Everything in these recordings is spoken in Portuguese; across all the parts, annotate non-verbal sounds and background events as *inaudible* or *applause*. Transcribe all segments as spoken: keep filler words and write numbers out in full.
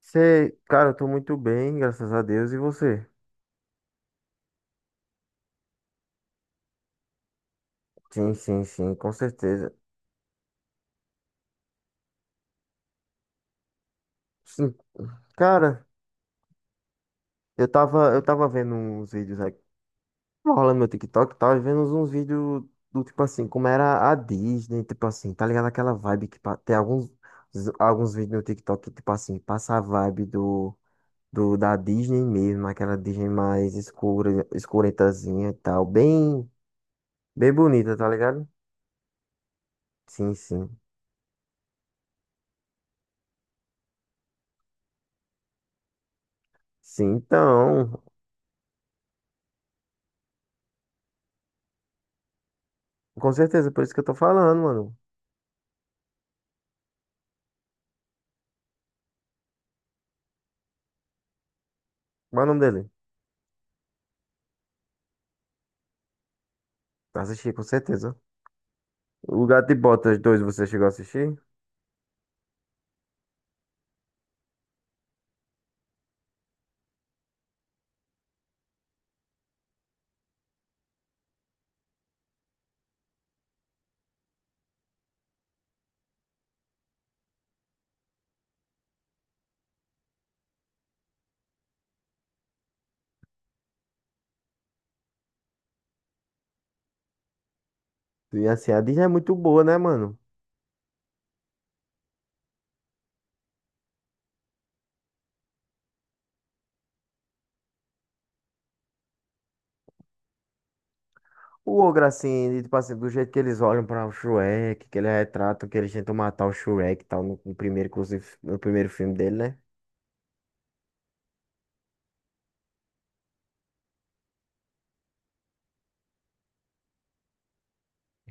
Você, cara, eu tô muito bem, graças a Deus. E você? Sim, sim, sim, com certeza. Sim, cara, eu tava, eu tava vendo uns vídeos aqui, tava rolando meu TikTok e tal, e vendo uns, uns vídeos do tipo assim, como era a Disney, tipo assim, tá ligado? Aquela vibe que pa- tem alguns, alguns vídeos no TikTok que, tipo assim, passa a vibe do, do da Disney mesmo, aquela Disney mais escura, escuretazinha e tal, bem, bem bonita, tá ligado? Sim, sim. Sim, então. Com certeza, por isso que eu tô falando, mano. Qual é o nome dele? Assisti, com certeza. O Gato de Botas dois você chegou a assistir? E assim, a Disney é muito boa, né, mano? O ogro, assim, de- tipo assim, do jeito que eles olham pra o Shrek, que eles retratam, que eles tentam matar o Shrek e tal, no, no primeiro, inclusive, no primeiro filme dele, né?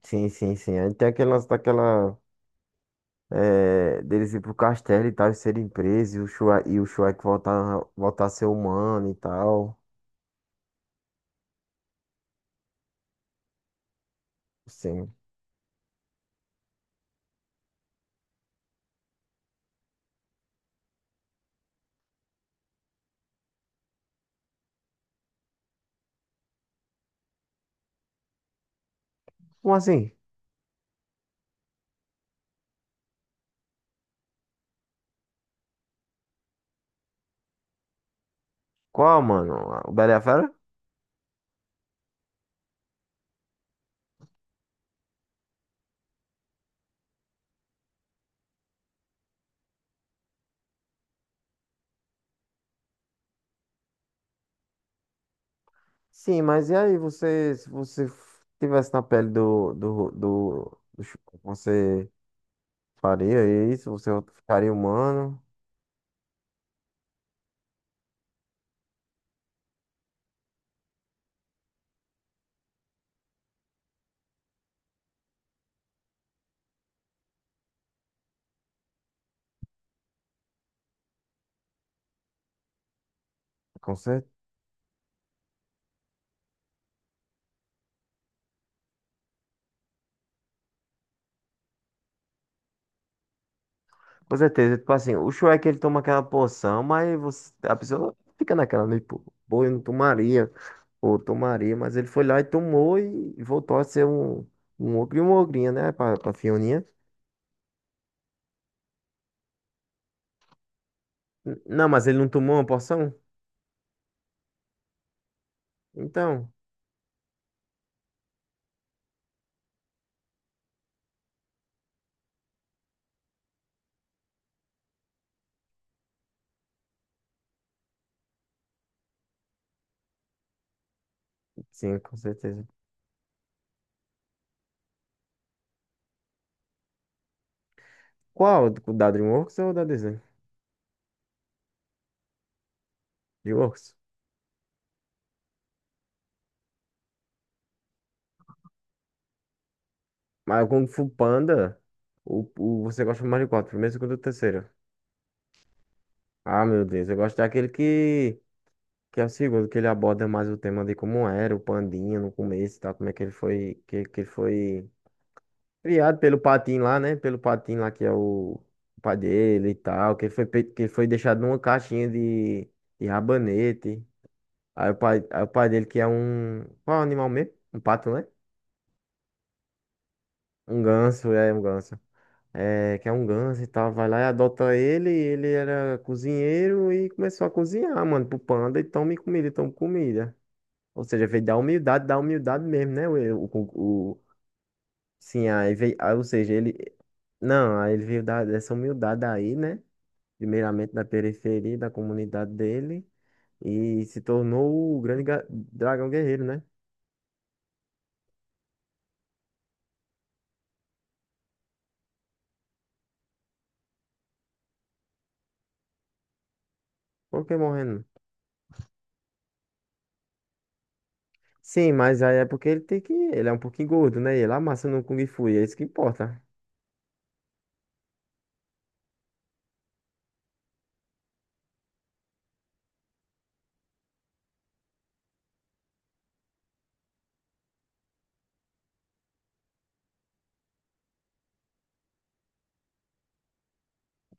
Sim, sim, sim. Aí tem aquele lance daquela. É, deles ir pro castelo e tal, e serem presos, e o Shrek, e o Shrek voltar, voltar a ser humano e tal. Sim. Como assim? Qual, mano? O Bela e a Fera? Sim, mas e aí você, se você f- tivesse na pele do, do, do, do Chewbacca, você faria isso? Você ficaria humano? Com certeza. Com certeza. Tipo assim, o Shrek ele toma aquela poção, mas você, a pessoa fica naquela, né? Pô, pô, eu não tomaria, ou tomaria, mas ele foi lá e tomou e voltou a ser um, um ogro e uma ogrinha, né? Pra, pra Fioninha. N- Não, mas ele não tomou uma poção? Então, sim, com certeza. Qual? O da DreamWorks ou o da Disney? DreamWorks. Mas o Kung Fu Panda, o, o, você gosta mais de qual? Primeiro, segundo ou terceiro? Ah, meu Deus, eu gosto daquele que, que é o segundo, que ele aborda mais o tema de como era o Pandinha no começo e tal, como é que ele foi, que, que ele foi criado pelo Patim lá, né? Pelo Patim lá que é o, o pai dele e tal, que ele foi, pe- que ele foi deixado numa caixinha de, de, rabanete. Aí o pai, aí o pai dele que é um, qual é o animal mesmo? Um pato, né? Um ganso, é um ganso. É, que é um ganso e tal, vai lá e adota ele, e ele era cozinheiro e começou a cozinhar, mano, pro panda, e tome comida, e tome comida. Ou seja, veio da humildade, da humildade mesmo, né? O, o, o- sim, aí veio, aí, ou seja, ele, não, aí ele veio da, dessa humildade aí, né? Primeiramente da periferia, da comunidade dele, e se tornou o grande ga- dragão guerreiro, né? Por que morrendo? Sim, mas aí é porque ele tem que, ele é um pouquinho gordo, né? E ele amassa no Kung Fu, e é isso que importa.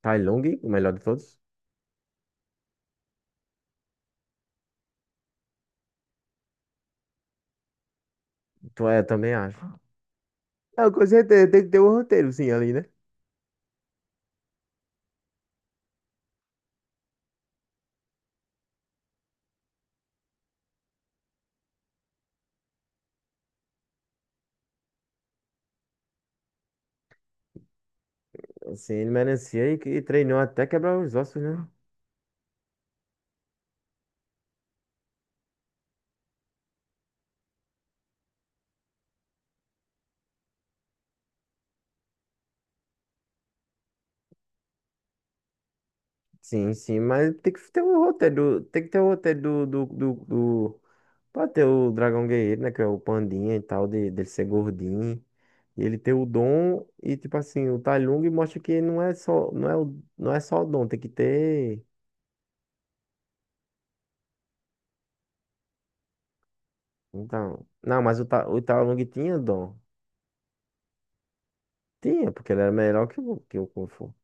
Tai Lung, o melhor de todos? Tu é, também acho. É, com certeza, tem que ter um roteiro, sim, ali, né? Sim, ele merecia e, e, treinou até quebrar os ossos, né? Sim, sim, mas tem que ter o roteiro, do- tem que ter o roteiro do, do, do, do... Pode ter o Dragão Guerreiro, né? Que é o pandinha e tal, de, dele ser gordinho. E ele ter o dom e, tipo assim, o Tai Lung mostra que não é só, não é, o- não é só o dom, tem que ter... Então, não, mas o, Ta, o Tai Lung tinha dom. Tinha, porque ele era melhor que o, que o, Kung Fu.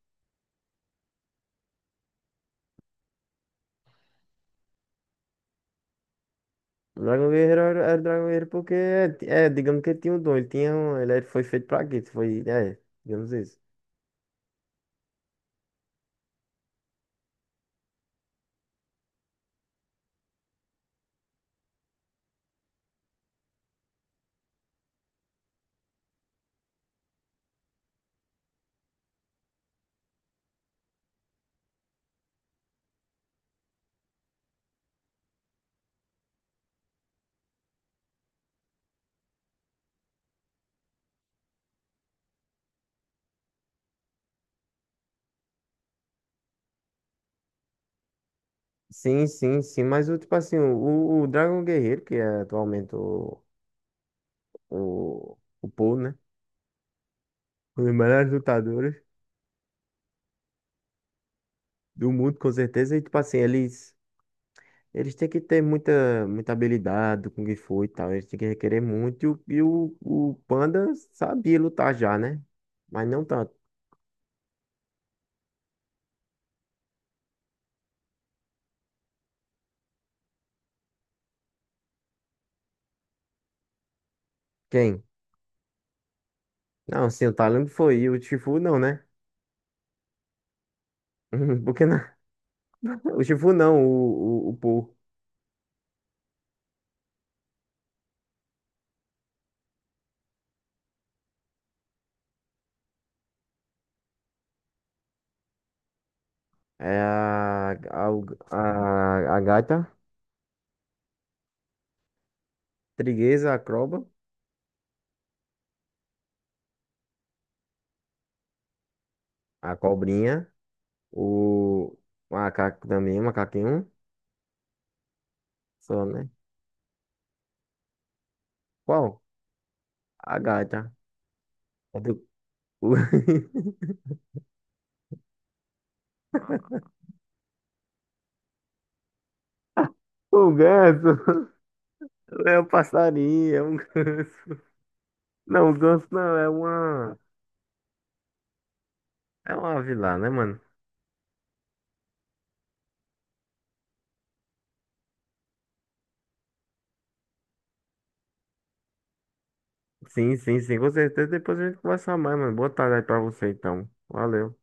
Dragon Guerreiro era, era Dragon Guerreiro porque, é, é, digamos que ele tinha um dom, ele tinha um, ele era- foi feito pra isso, foi, é, digamos isso. Sim, sim, sim, mas o tipo assim, o, o Dragon Guerreiro, que é atualmente o, o, o Paul, né? Um dos melhores lutadores do mundo, com certeza, e tipo assim, eles, eles têm que ter muita, muita habilidade do Kung Fu e tal, eles têm que requerer muito, e, o, e o, o Panda sabia lutar já, né? Mas não tanto. Quem? Não, sim, o Talon foi, e o Shifu não, né? *laughs* Porque não. O Shifu não, o, o, o Paul. É a, a, a, a, gaita, trigueza, a croba, a cobrinha, o macaco também, macaquinho, só, né? Qual? A gaita. É do- o, *laughs* o ganso. É o passarinho, é um ganso. Não, o ganso não, é uma. É uma ave lá, né, mano? Sim, sim, sim, com certeza. Depois a gente conversa mais, mano. Boa tarde aí pra você, então. Valeu.